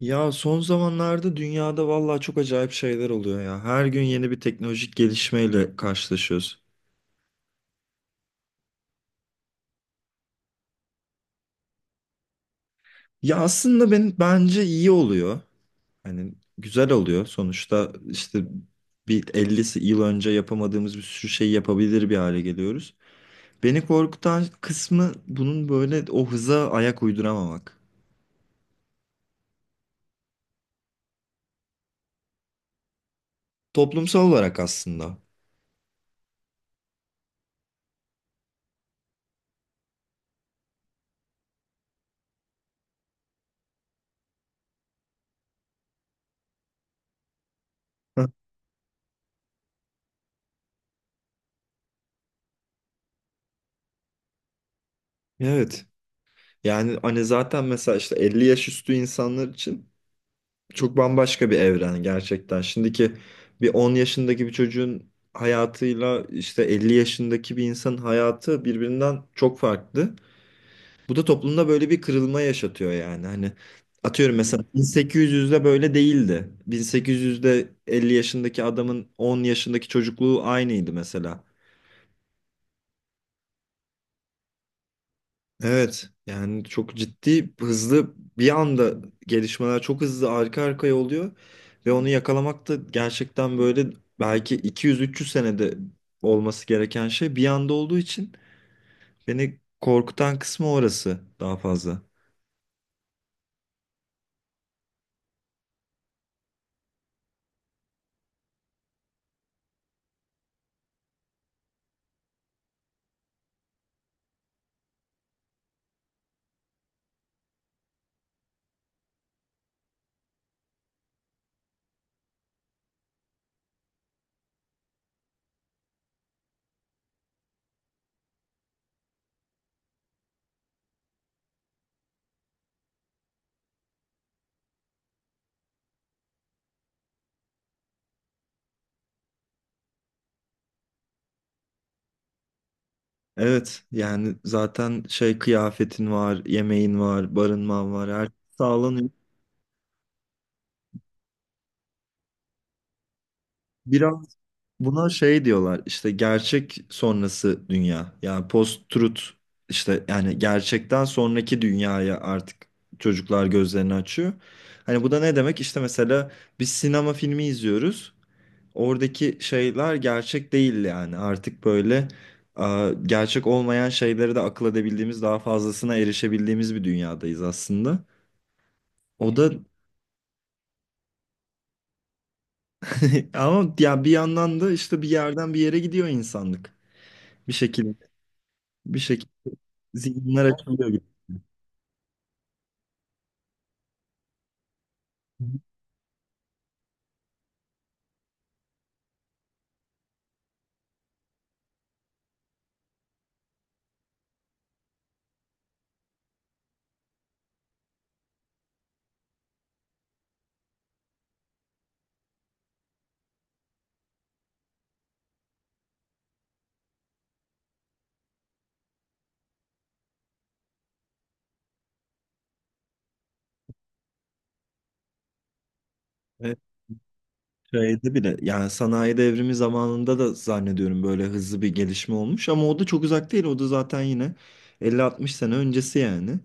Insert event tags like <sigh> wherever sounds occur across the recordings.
Ya son zamanlarda dünyada vallahi çok acayip şeyler oluyor ya. Her gün yeni bir teknolojik gelişmeyle karşılaşıyoruz. Ya aslında ben bence iyi oluyor. Hani güzel oluyor. Sonuçta işte bir 50 yıl önce yapamadığımız bir sürü şey yapabilir bir hale geliyoruz. Beni korkutan kısmı bunun böyle o hıza ayak uyduramamak. Toplumsal olarak aslında. Heh, Evet. Yani hani zaten mesela işte 50 yaş üstü insanlar için çok bambaşka bir evren gerçekten. Şimdiki bir 10 yaşındaki bir çocuğun hayatıyla işte 50 yaşındaki bir insanın hayatı birbirinden çok farklı. Bu da toplumda böyle bir kırılma yaşatıyor yani. Hani atıyorum mesela 1800'de böyle değildi. 1800'de 50 yaşındaki adamın 10 yaşındaki çocukluğu aynıydı mesela. Evet yani çok ciddi hızlı bir anda gelişmeler çok hızlı arka arkaya oluyor ve onu yakalamak da gerçekten böyle belki 200-300 senede olması gereken şey bir anda olduğu için beni korkutan kısmı orası daha fazla. Evet yani zaten şey kıyafetin var, yemeğin var, barınman var, her şey sağlanıyor. Biraz. Buna şey diyorlar işte, gerçek sonrası dünya yani post-truth. İşte yani gerçekten sonraki dünyaya artık çocuklar gözlerini açıyor. Hani bu da ne demek? İşte mesela biz sinema filmi izliyoruz, oradaki şeyler gerçek değil. Yani artık böyle gerçek olmayan şeyleri de akıl edebildiğimiz, daha fazlasına erişebildiğimiz bir dünyadayız aslında. O da. <laughs> Ama ya bir yandan da işte bir yerden bir yere gidiyor insanlık, bir şekilde, bir şekilde, zihinler. Evet, şeyde bile yani, sanayi devrimi zamanında da zannediyorum böyle hızlı bir gelişme olmuş ama o da çok uzak değil. O da zaten yine 50 60 sene öncesi yani.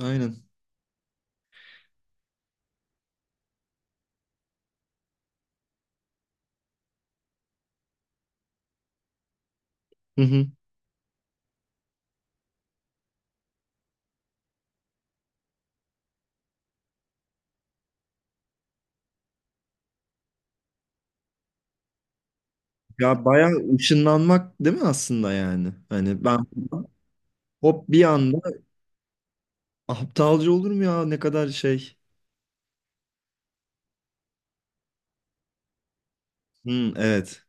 Aynen. Hı hı. Ya bayağı ışınlanmak değil mi aslında yani? Hani ben hop bir anda. Aptalca olur mu ya, ne kadar şey. Hı, evet.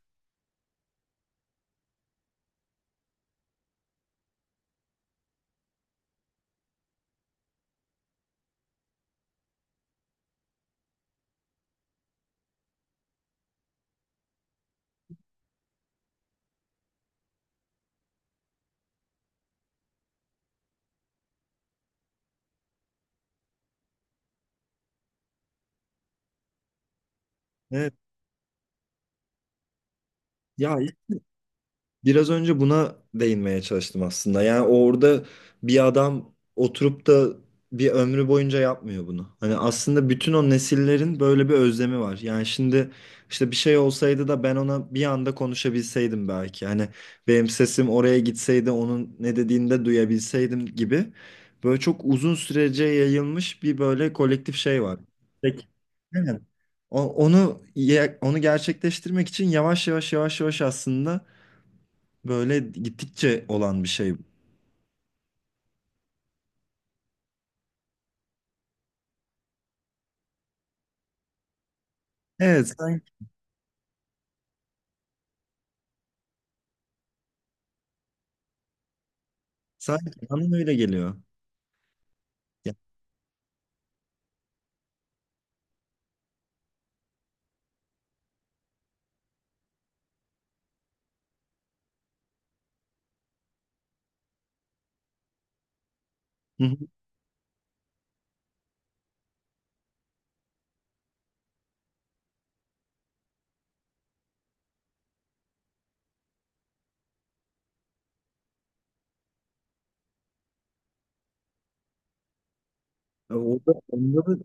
Evet. Ya biraz önce buna değinmeye çalıştım aslında. Yani orada bir adam oturup da bir ömrü boyunca yapmıyor bunu. Hani aslında bütün o nesillerin böyle bir özlemi var. Yani şimdi işte bir şey olsaydı da ben ona bir anda konuşabilseydim belki. Hani benim sesim oraya gitseydi, onun ne dediğini de duyabilseydim gibi. Böyle çok uzun sürece yayılmış bir böyle kolektif şey var. Peki. Aynen. Onu gerçekleştirmek için yavaş yavaş yavaş yavaş aslında böyle gittikçe olan bir şey. Evet, sanki bana öyle geliyor. Ya, hı hı. Orada, onda da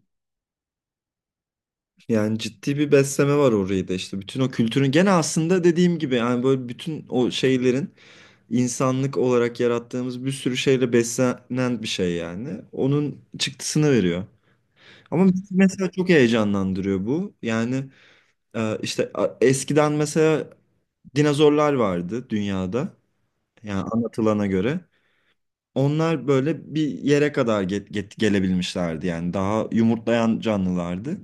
yani ciddi bir besleme var orayı da işte. Bütün o kültürün gene, aslında dediğim gibi yani, böyle bütün o şeylerin, insanlık olarak yarattığımız bir sürü şeyle beslenen bir şey yani. Onun çıktısını veriyor. Ama bizi mesela çok heyecanlandırıyor bu. Yani işte eskiden mesela dinozorlar vardı dünyada. Yani anlatılana göre. Onlar böyle bir yere kadar gelebilmişlerdi yani, daha yumurtlayan canlılardı.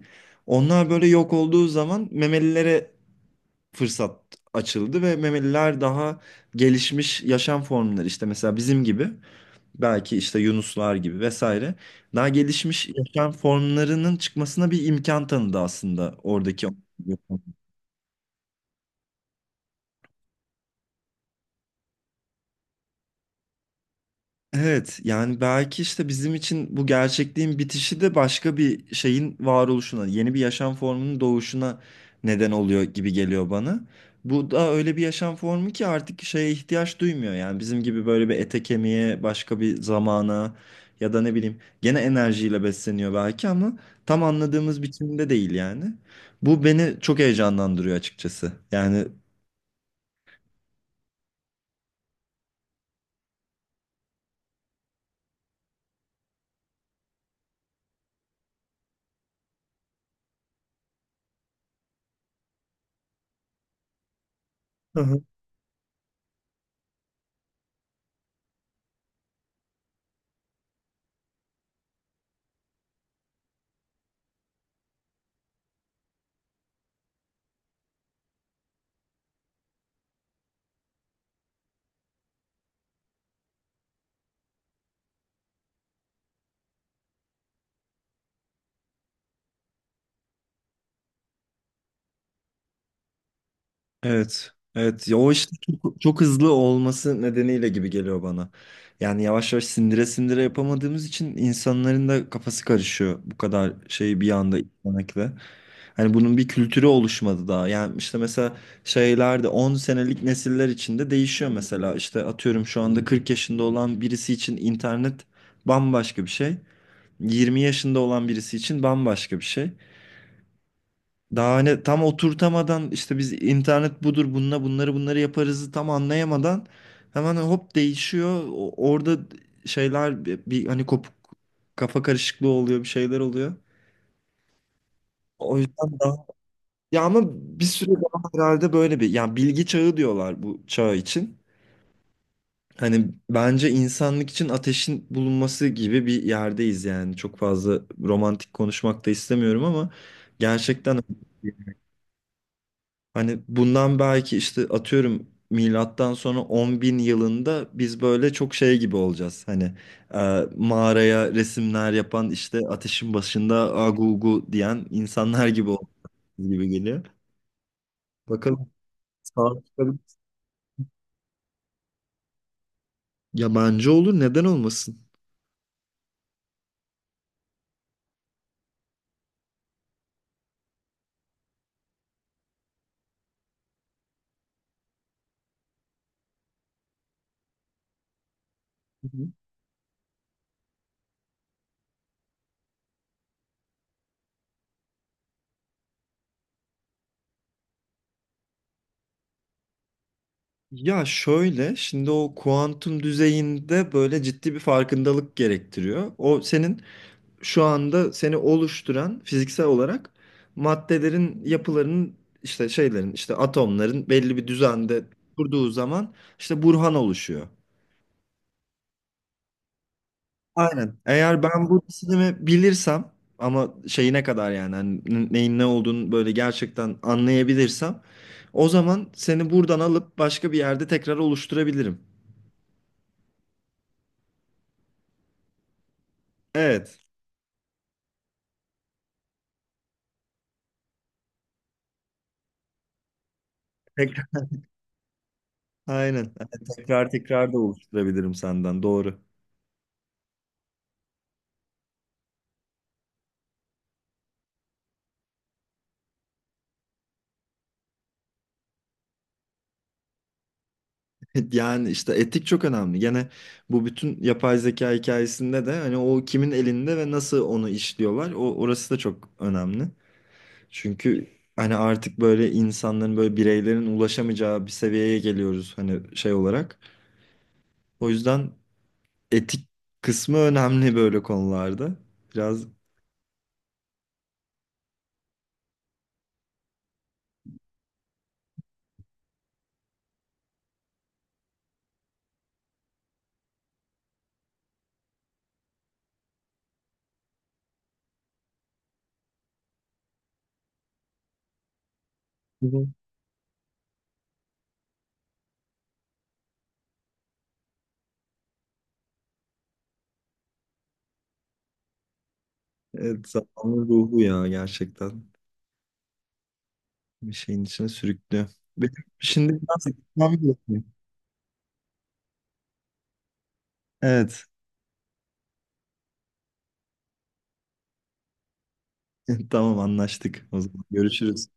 Onlar böyle yok olduğu zaman memelilere fırsat açıldı ve memeliler, daha gelişmiş yaşam formları, işte mesela bizim gibi, belki işte yunuslar gibi vesaire, daha gelişmiş yaşam formlarının çıkmasına bir imkan tanıdı aslında oradaki. Evet yani belki işte bizim için bu gerçekliğin bitişi de başka bir şeyin varoluşuna, yeni bir yaşam formunun doğuşuna neden oluyor gibi geliyor bana. Bu da öyle bir yaşam formu ki artık şeye ihtiyaç duymuyor. Yani bizim gibi böyle bir ete kemiğe, başka bir zamana, ya da ne bileyim, gene enerjiyle besleniyor belki ama tam anladığımız biçimde değil yani. Bu beni çok heyecanlandırıyor açıkçası. Yani. Hı hı. Evet. Evet. Ya o işte çok, çok hızlı olması nedeniyle gibi geliyor bana. Yani yavaş yavaş sindire sindire yapamadığımız için insanların da kafası karışıyor, bu kadar şeyi bir anda izlemekle. Hani bunun bir kültürü oluşmadı daha. Yani işte mesela şeyler de 10 senelik nesiller içinde değişiyor mesela. İşte atıyorum şu anda 40 yaşında olan birisi için internet bambaşka bir şey. 20 yaşında olan birisi için bambaşka bir şey. Daha hani tam oturtamadan, işte biz internet budur, bununla bunları bunları yaparızı tam anlayamadan, hemen hop değişiyor. Orada şeyler bir hani kopuk, kafa karışıklığı oluyor, bir şeyler oluyor. O yüzden daha. Ya ama bir süre daha herhalde böyle bir, yani bilgi çağı diyorlar bu çağ için. Hani bence insanlık için ateşin bulunması gibi bir yerdeyiz yani. Çok fazla romantik konuşmak da istemiyorum ama gerçekten, hani bundan belki işte atıyorum, milattan sonra 10 bin yılında biz böyle çok şey gibi olacağız. Hani mağaraya resimler yapan, işte ateşin başında agu ugu diyen insanlar gibi olacağız gibi geliyor. Bakalım. Sağ. Yabancı olur, neden olmasın? Hı hı. Ya şöyle, şimdi o kuantum düzeyinde böyle ciddi bir farkındalık gerektiriyor. O senin şu anda seni oluşturan, fiziksel olarak maddelerin yapılarının, işte şeylerin, işte atomların belli bir düzende kurduğu zaman, işte burhan oluşuyor. Aynen. Eğer ben bu disiplinimi bilirsem, ama şeyine kadar yani, hani neyin ne olduğunu böyle gerçekten anlayabilirsem, o zaman seni buradan alıp başka bir yerde tekrar oluşturabilirim. Evet. Tekrar. Aynen. Evet, tekrar tekrar da oluşturabilirim senden. Doğru. <laughs> Yani işte etik çok önemli. Gene bu bütün yapay zeka hikayesinde de hani, o kimin elinde ve nasıl onu işliyorlar. O orası da çok önemli. Çünkü hani artık böyle insanların, böyle bireylerin ulaşamayacağı bir seviyeye geliyoruz hani, şey olarak. O yüzden etik kısmı önemli böyle konularda. Biraz. Hı hı. Evet, zamanın ruhu ya gerçekten, bir şeyin içine sürüklüyor. Benim şimdi biraz gitmem gerekiyor. Evet. <laughs> Tamam, anlaştık. O zaman görüşürüz.